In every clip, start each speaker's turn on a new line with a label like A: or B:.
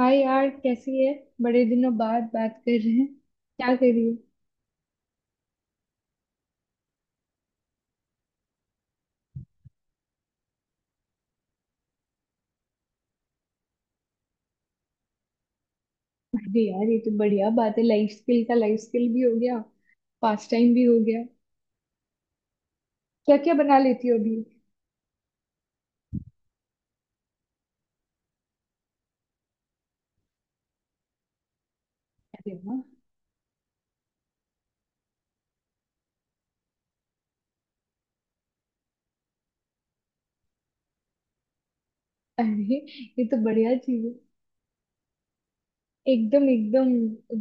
A: हाय यार, कैसी है। बड़े दिनों बाद बात कर रहे हैं। क्या कर रही हो। अरे यार, ये तो बढ़िया बात है। लाइफ स्किल का लाइफ स्किल भी हो गया, पास टाइम भी हो गया। क्या क्या बना लेती हो अभी। अरे वाह। अरे, ये तो बढ़िया चीज है। एकदम एकदम।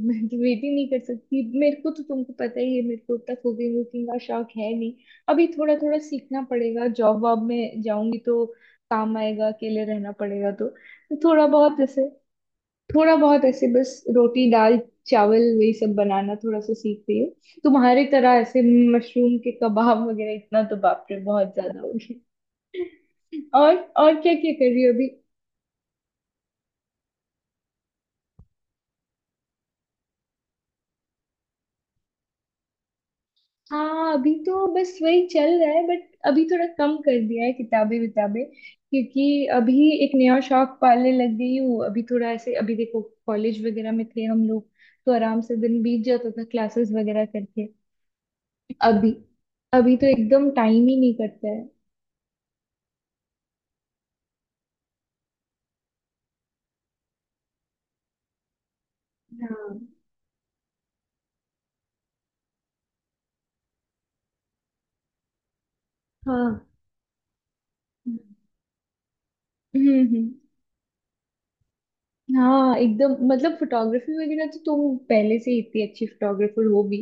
A: मैं तो वेट ही नहीं कर सकती। मेरे को तो तुमको पता ही है, मेरे को उतना कुकिंग वुकिंग का शौक है नहीं। अभी थोड़ा थोड़ा सीखना पड़ेगा, जॉब वॉब में जाऊंगी तो काम आएगा। अकेले रहना पड़ेगा तो थोड़ा बहुत, जैसे थोड़ा बहुत ऐसे बस रोटी दाल चावल वही सब बनाना थोड़ा सा सीख रही हूँ, तुम्हारी तरह ऐसे मशरूम के कबाब वगैरह इतना तो बाप रे बहुत ज्यादा हो गया। और और क्या क्या कर रही हो अभी। हाँ, अभी तो बस वही चल रहा है, बट अभी थोड़ा कम कर दिया है किताबें विताबें, क्योंकि अभी एक नया शौक पालने लग गई हूँ। अभी थोड़ा ऐसे, अभी देखो कॉलेज वगैरह में थे हम लोग तो आराम से दिन बीत जाता था क्लासेस वगैरह करके। अभी अभी तो एकदम टाइम ही नहीं करता है। हाँ हाँ। हम्म हम्म, हाँ एकदम, मतलब फोटोग्राफी वगैरह तो तुम पहले से ही इतनी अच्छी फोटोग्राफर हो भी।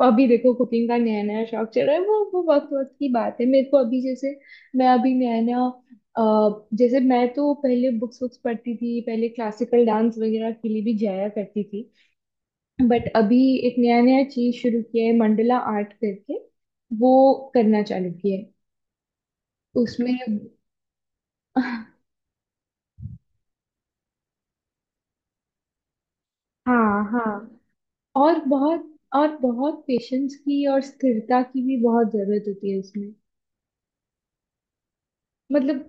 A: और अभी देखो कुकिंग का नया नया शौक चल रहा है। वो वक्त वक्त की बात है, मेरे को अभी जैसे मैं अभी नया नया जैसे मैं तो पहले बुक्स बुक्स पढ़ती थी, पहले क्लासिकल डांस वगैरह के लिए भी जाया करती थी। बट अभी एक नया नया चीज शुरू किया है मंडला आर्ट करके। वो करना चालू किया है उसमें। हाँ हाँ। और बहुत, और बहुत पेशेंस की और स्थिरता की भी बहुत जरूरत होती है इसमें। मतलब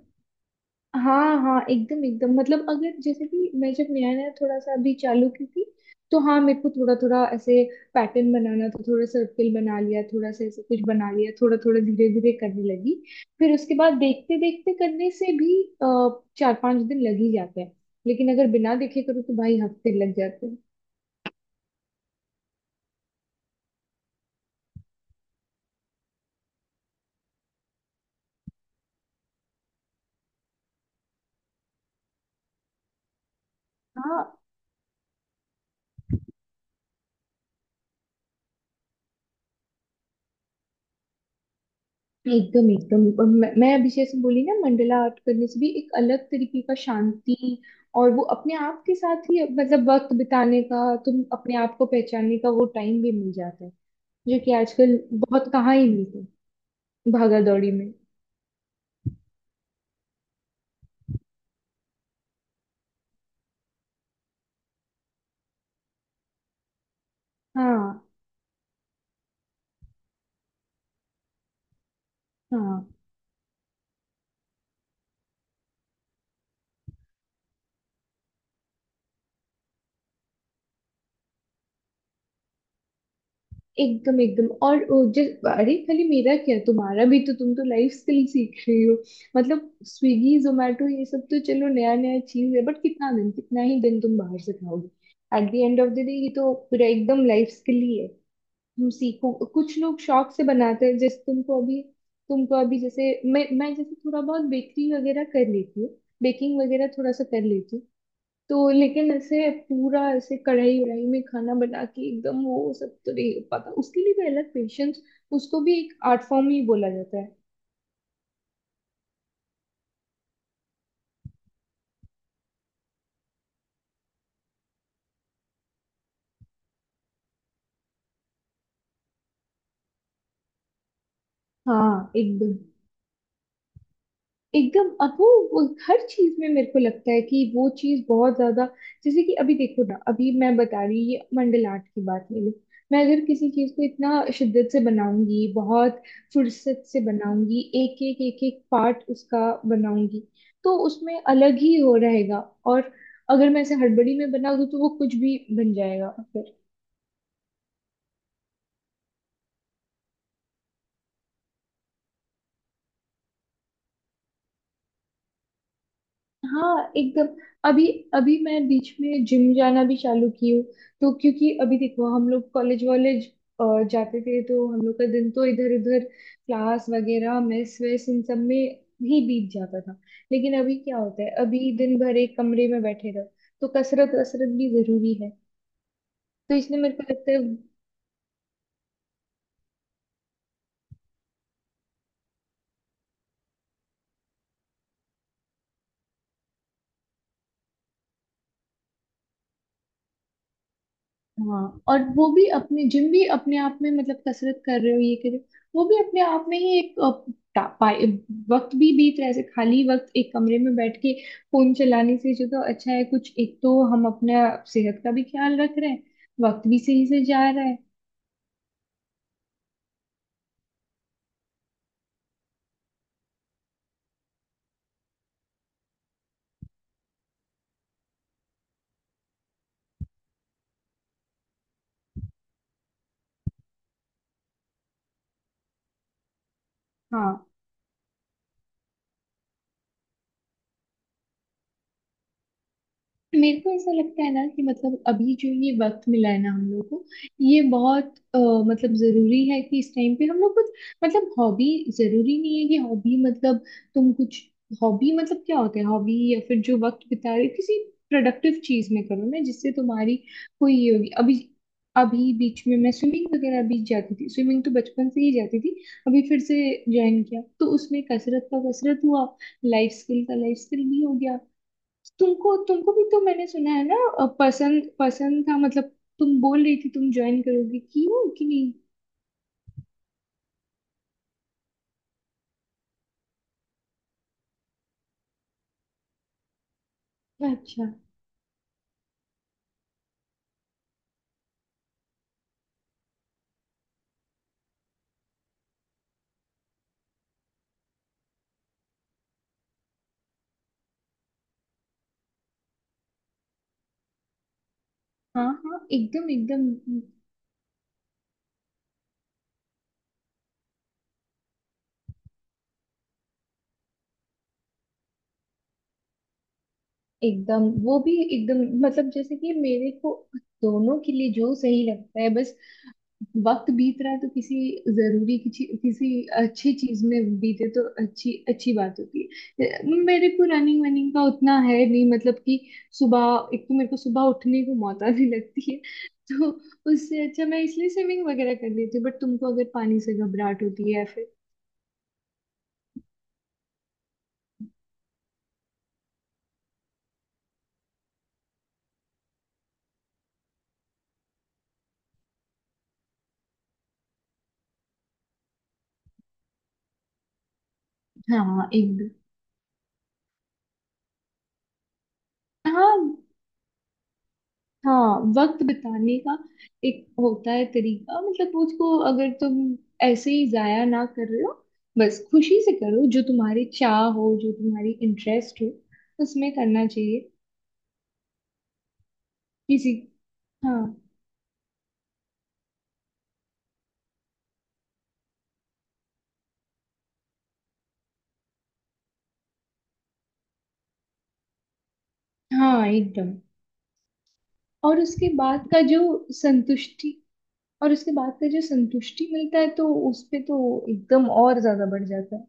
A: हाँ हाँ एकदम एकदम। मतलब अगर जैसे कि मैं जब नया नया थोड़ा सा अभी चालू की थी, तो हाँ, मेरे को थोड़ा थोड़ा ऐसे पैटर्न बनाना था। थोड़ा सर्कल बना लिया, थोड़ा सा ऐसे कुछ बना लिया, थोड़ा थोड़ा धीरे धीरे करने लगी। फिर उसके बाद देखते देखते करने से भी चार पांच दिन लग ही जाते हैं। लेकिन अगर बिना देखे करो तो भाई हफ्ते लग जाते हैं। हाँ एकदम एकदम, और मैं अभी जैसे बोली ना, मंडला आर्ट करने से भी एक अलग तरीके का शांति, और वो अपने आप के साथ ही मतलब वक्त बिताने का, तुम अपने आप को पहचानने का, वो टाइम भी मिल जाता है, जो कि आजकल बहुत कहाँ ही मिलता है भागा दौड़ी में। हाँ हाँ एकदम एकदम। और वो जिस, अरे खाली मेरा क्या, तुम्हारा भी तो, तुम तो लाइफ स्किल सीख रही हो। मतलब स्विगी जोमेटो ये सब तो चलो नया नया चीज है, बट कितना दिन, कितना ही दिन तुम बाहर से खाओगे। At the end of the day ये तो पूरा एकदम लाइफ स्किल ही है। तुम सीखो, कुछ लोग शौक से बनाते हैं। जैसे तुमको अभी, तुमको अभी जैसे, मैं जैसे थोड़ा बहुत बेकरी वगैरह कर लेती हूँ, बेकिंग वगैरह थोड़ा सा कर लेती हूँ। तो लेकिन ऐसे पूरा ऐसे कढ़ाई वढ़ाई में खाना बना के एकदम वो सब तो नहीं हो पाता। उसके लिए भी अलग पेशेंस। उसको भी एक आर्ट फॉर्म ही बोला जाता है। हाँ एकदम एकदम। अब वो हर चीज में मेरे को लगता है कि वो चीज बहुत ज्यादा, जैसे कि अभी देखो ना, अभी मैं बता रही, ये मंडल आर्ट की बात ले लो। मैं अगर किसी चीज को इतना शिद्दत से बनाऊंगी, बहुत फुर्सत से बनाऊंगी, एक एक पार्ट उसका बनाऊंगी, तो उसमें अलग ही हो रहेगा। और अगर मैं इसे हड़बड़ी में बना दूं तो वो कुछ भी बन जाएगा। हाँ एकदम। अभी अभी मैं बीच में जिम जाना भी चालू की हूँ, तो क्योंकि अभी देखो, हम लोग कॉलेज वॉलेज जाते थे तो हम लोग का दिन तो इधर उधर क्लास वगैरह मेस वेस इन सब में ही बीत जाता था। लेकिन अभी क्या होता है, अभी दिन भर एक कमरे में बैठे रहो, तो कसरत वसरत भी जरूरी है। तो इसलिए मेरे को लगता है हाँ। और वो भी, अपने जिम भी अपने आप में मतलब कसरत कर रहे हो, ये कर रहे हो, वो भी अपने आप में ही एक टा- पाए- वक्त भी बीत रहा है। ऐसे खाली वक्त एक कमरे में बैठ के फोन चलाने से जो, तो अच्छा है। कुछ एक तो हम अपना सेहत का भी ख्याल रख रहे हैं, वक्त भी सही से जा रहा है। हाँ, मेरे को ऐसा लगता है ना कि मतलब अभी जो ये वक्त मिला है ना हम लोग को, ये बहुत मतलब जरूरी है कि इस टाइम पे हम लोग कुछ मतलब हॉबी, जरूरी नहीं है कि हॉबी मतलब तुम कुछ, हॉबी मतलब क्या होता है हॉबी, या फिर जो वक्त बिता रहे हो, किसी प्रोडक्टिव चीज में करो ना, जिससे तुम्हारी कोई ये होगी। अभी अभी बीच में मैं स्विमिंग वगैरह भी जाती थी, स्विमिंग तो बचपन से ही जाती थी। अभी फिर से ज्वाइन किया तो उसमें कसरत का कसरत हुआ, लाइफ स्किल का लाइफ स्किल भी हो गया। तुमको तुमको भी तो मैंने सुना है ना पसंद पसंद था, मतलब तुम बोल रही थी तुम ज्वाइन करोगी की हो कि नहीं। अच्छा हाँ हाँ एकदम एकदम। एकदम वो भी एकदम, मतलब जैसे कि मेरे को दोनों के लिए जो सही लगता है, बस वक्त बीत रहा है तो किसी जरूरी, किसी किसी अच्छी चीज में बीते तो अच्छी अच्छी बात होती है। मेरे को रनिंग वनिंग का उतना है नहीं, मतलब कि सुबह, एक तो मेरे को सुबह उठने को मौत आने लगती है, तो उससे अच्छा मैं इसलिए स्विमिंग वगैरह कर लेती हूँ। बट तुमको अगर पानी से घबराहट होती है या फिर हाँ एक हाँ हाँ, वक्त बिताने का एक होता है तरीका, मतलब उसको अगर तुम ऐसे ही जाया ना कर रहे हो, बस खुशी से करो जो तुम्हारी चाह हो, जो तुम्हारी इंटरेस्ट हो उसमें करना चाहिए। किसी हाँ हाँ एकदम। और उसके बाद का जो संतुष्टि, और उसके बाद का जो संतुष्टि मिलता है, तो उस पे तो एकदम और ज्यादा बढ़ जाता है।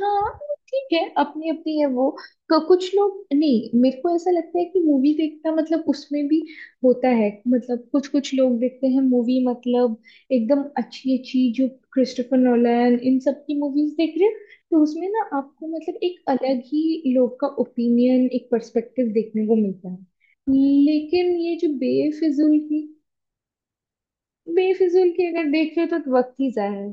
A: हाँ ठीक है, अपनी अपनी है वो। क- कुछ लोग नहीं, मेरे को ऐसा लगता है कि मूवी देखना मतलब उसमें भी होता है मतलब, कुछ कुछ लोग देखते हैं मूवी मतलब एकदम अच्छी अच्छी जो क्रिस्टोफर नोलन इन सब की मूवीज देख रहे हो, तो उसमें ना आपको मतलब एक अलग ही लोग का ओपिनियन, एक पर्सपेक्टिव देखने को मिलता है। लेकिन ये जो बेफिजुल की, बेफिजुल की अगर देख रहे हो तो वक्त ही जाया है।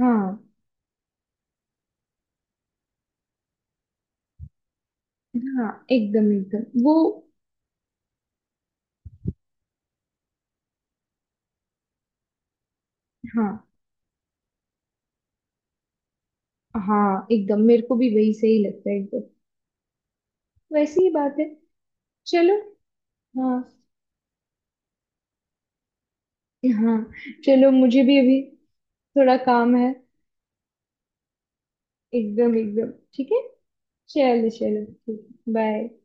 A: हाँ हाँ एकदम एकदम वो। हाँ हाँ एकदम, मेरे को भी वही सही लगता है एकदम, वैसी ही बात है। चलो हाँ हाँ। चलो, मुझे भी अभी थोड़ा काम है। एकदम एकदम ठीक है। चलो चलो ठीक। बाय।